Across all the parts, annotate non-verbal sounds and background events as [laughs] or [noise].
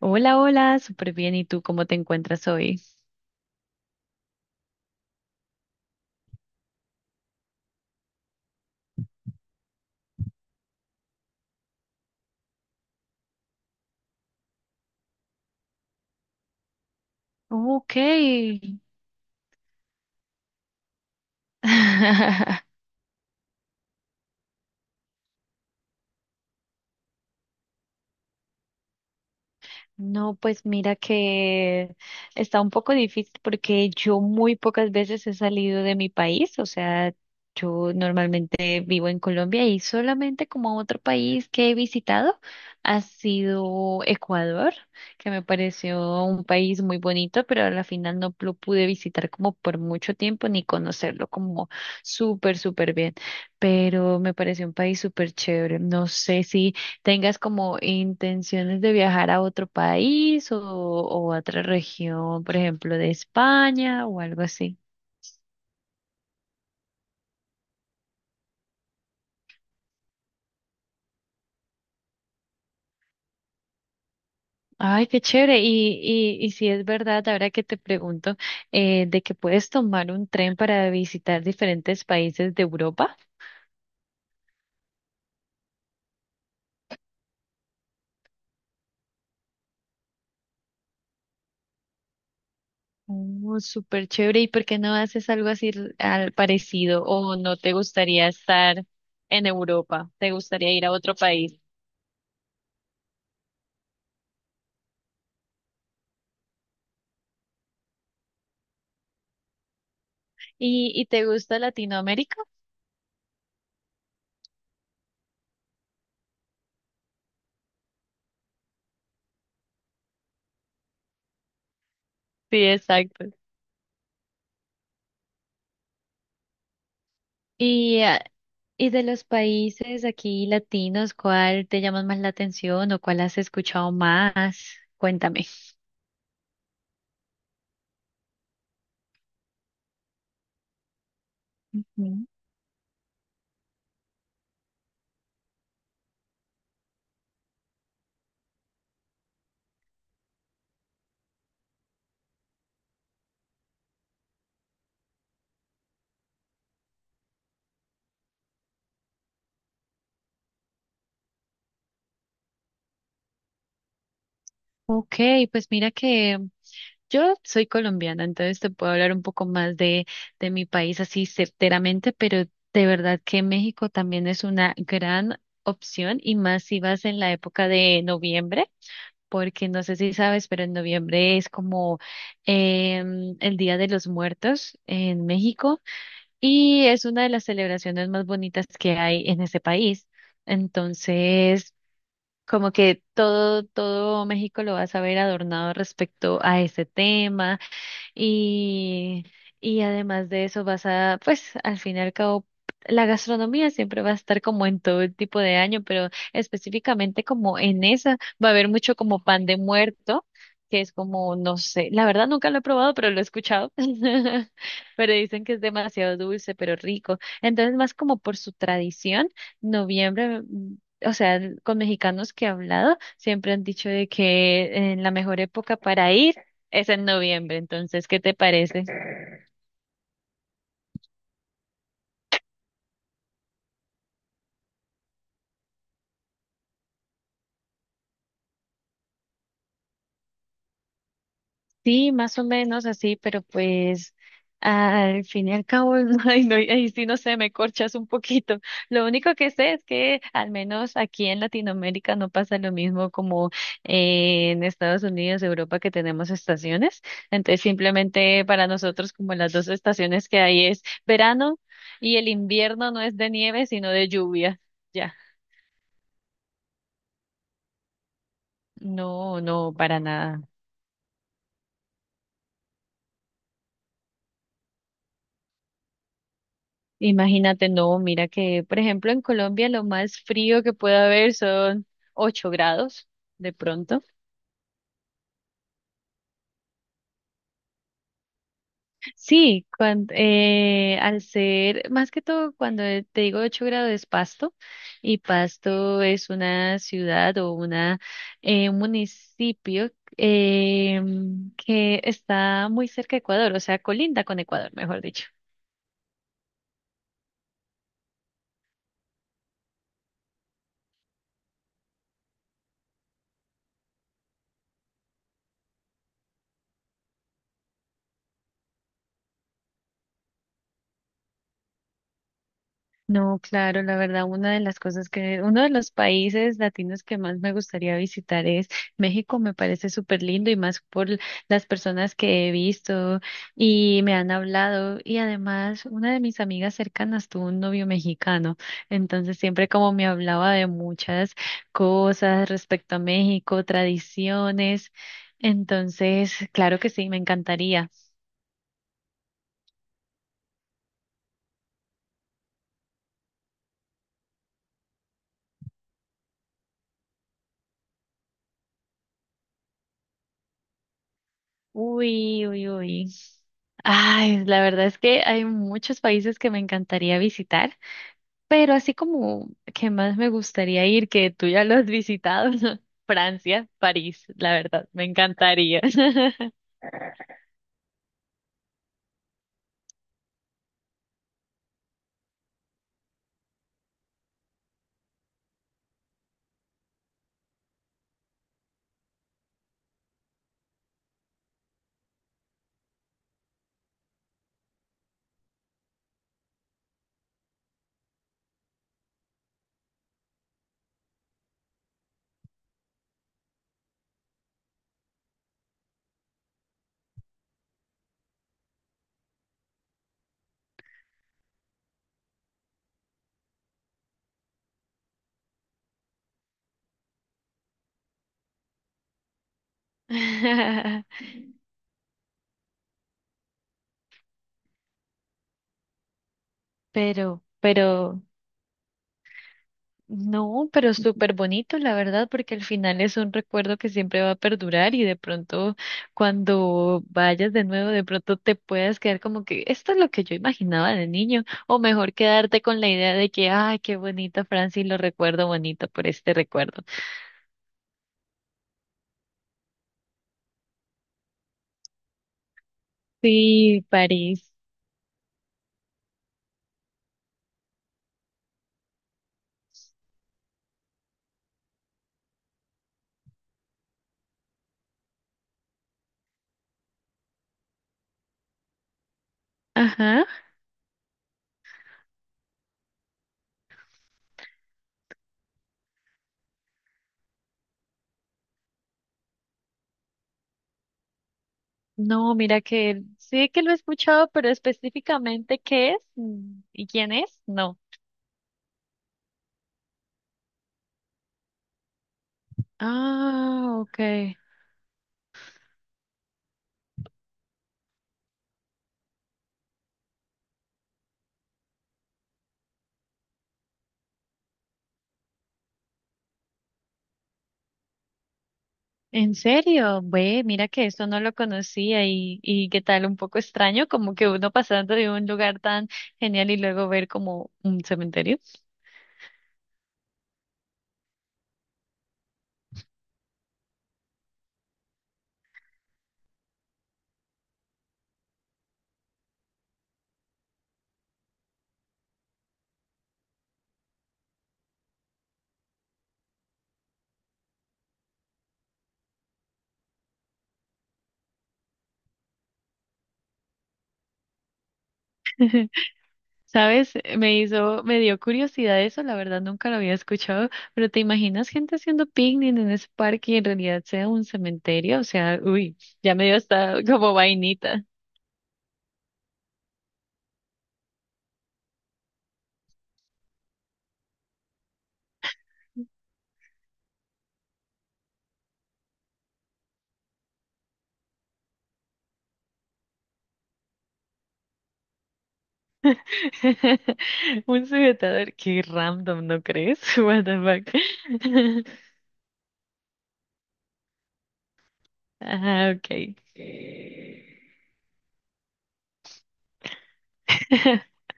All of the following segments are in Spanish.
Hola, hola, súper bien. ¿Y tú cómo te encuentras hoy? Ok. [laughs] No, pues mira que está un poco difícil porque yo muy pocas veces he salido de mi país, o sea, yo normalmente vivo en Colombia y solamente como otro país que he visitado ha sido Ecuador, que me pareció un país muy bonito, pero a la final no lo pude visitar como por mucho tiempo ni conocerlo como súper bien, pero me pareció un país súper chévere. No sé si tengas como intenciones de viajar a otro país o a otra región, por ejemplo, de España o algo así. Ay, qué chévere. Y si es verdad, ahora que te pregunto, de que puedes tomar un tren para visitar diferentes países de Europa. Oh, súper chévere. ¿Y por qué no haces algo así al parecido? ¿O no te gustaría estar en Europa? ¿Te gustaría ir a otro país? ¿Y te gusta Latinoamérica? Sí, exacto. Y, ah, y de los países aquí latinos, ¿cuál te llama más la atención o cuál has escuchado más? Cuéntame. Ujú. Ok, pues mira que yo soy colombiana, entonces te puedo hablar un poco más de mi país así certeramente, pero de verdad que México también es una gran opción y más si vas en la época de noviembre, porque no sé si sabes, pero en noviembre es como el Día de los Muertos en México. Y es una de las celebraciones más bonitas que hay en ese país. Entonces, como que todo México lo vas a ver adornado respecto a ese tema. Y, y además de eso vas a, pues al fin y al cabo, la gastronomía siempre va a estar como en todo el tipo de año, pero específicamente como en esa va a haber mucho como pan de muerto, que es como, no sé, la verdad nunca lo he probado, pero lo he escuchado, [laughs] pero dicen que es demasiado dulce, pero rico. Entonces, más como por su tradición, noviembre... mm, O sea, con mexicanos que he hablado, siempre han dicho de que en la mejor época para ir es en noviembre, entonces, ¿qué te parece? Sí, más o menos así, pero pues al fin y al cabo, [laughs] ay, no, ay, sí, no sé, me corchas un poquito. Lo único que sé es que al menos aquí en Latinoamérica no pasa lo mismo como en Estados Unidos, Europa, que tenemos estaciones. Entonces, simplemente para nosotros como las dos estaciones que hay es verano y el invierno no es de nieve, sino de lluvia. Ya, no, no, para nada. Imagínate, no, mira que, por ejemplo, en Colombia lo más frío que puede haber son 8 grados, de pronto. Sí, al ser, más que todo, cuando te digo 8 grados es Pasto, y Pasto es una ciudad o una, un municipio que está muy cerca de Ecuador, o sea, colinda con Ecuador, mejor dicho. No, claro, la verdad, una de las cosas que, uno de los países latinos que más me gustaría visitar es México, me parece súper lindo y más por las personas que he visto y me han hablado y además una de mis amigas cercanas tuvo un novio mexicano, entonces siempre como me hablaba de muchas cosas respecto a México, tradiciones, entonces, claro que sí, me encantaría. Uy. Ay, la verdad es que hay muchos países que me encantaría visitar, pero así como que más me gustaría ir, que tú ya lo has visitado, [laughs] Francia, París, la verdad, me encantaría. [laughs] Pero no, pero súper bonito, la verdad, porque al final es un recuerdo que siempre va a perdurar y de pronto cuando vayas de nuevo, de pronto te puedas quedar como que esto es lo que yo imaginaba de niño, o mejor quedarte con la idea de que, ay, qué bonito Francis, lo recuerdo bonito por este recuerdo. Sí, París. Ajá. No, mira que sí que lo he escuchado, pero específicamente y quién es, no. Ah, ok. ¿En serio? Ve, mira que esto no lo conocía y qué tal, un poco extraño, como que uno pasando de un lugar tan genial y luego ver como un cementerio. [laughs] ¿Sabes? Me hizo, me dio curiosidad eso, la verdad nunca lo había escuchado, pero ¿te imaginas gente haciendo picnic en ese parque y en realidad sea un cementerio? O sea, uy, ya me dio hasta como vainita. [laughs] Un sujetador, qué random, ¿no crees? [laughs] What the fuck? [laughs] Ajá, ok. [laughs]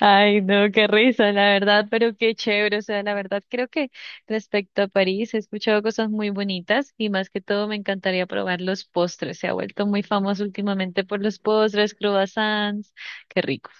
Ay, no, qué risa, la verdad, pero qué chévere. O sea, la verdad, creo que respecto a París he escuchado cosas muy bonitas y más que todo me encantaría probar los postres. Se ha vuelto muy famoso últimamente por los postres, croissants. Qué rico.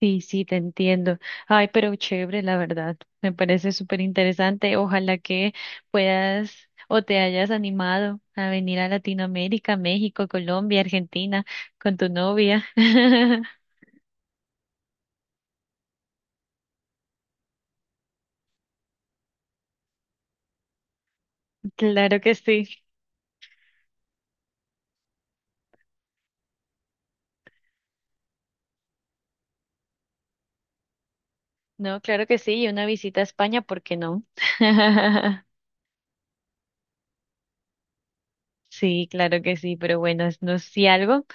Sí, sí, te entiendo. Ay, pero chévere, la verdad. Me parece súper interesante. Ojalá que puedas o te hayas animado a venir a Latinoamérica, México, Colombia, Argentina con tu novia. [laughs] Claro que sí. No, claro que sí. Y una visita a España, ¿por qué no? [laughs] Sí, claro que sí. Pero bueno, no, si algo,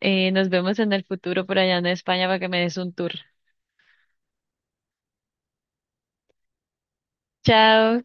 nos vemos en el futuro por allá en España para que me des un tour. Chao.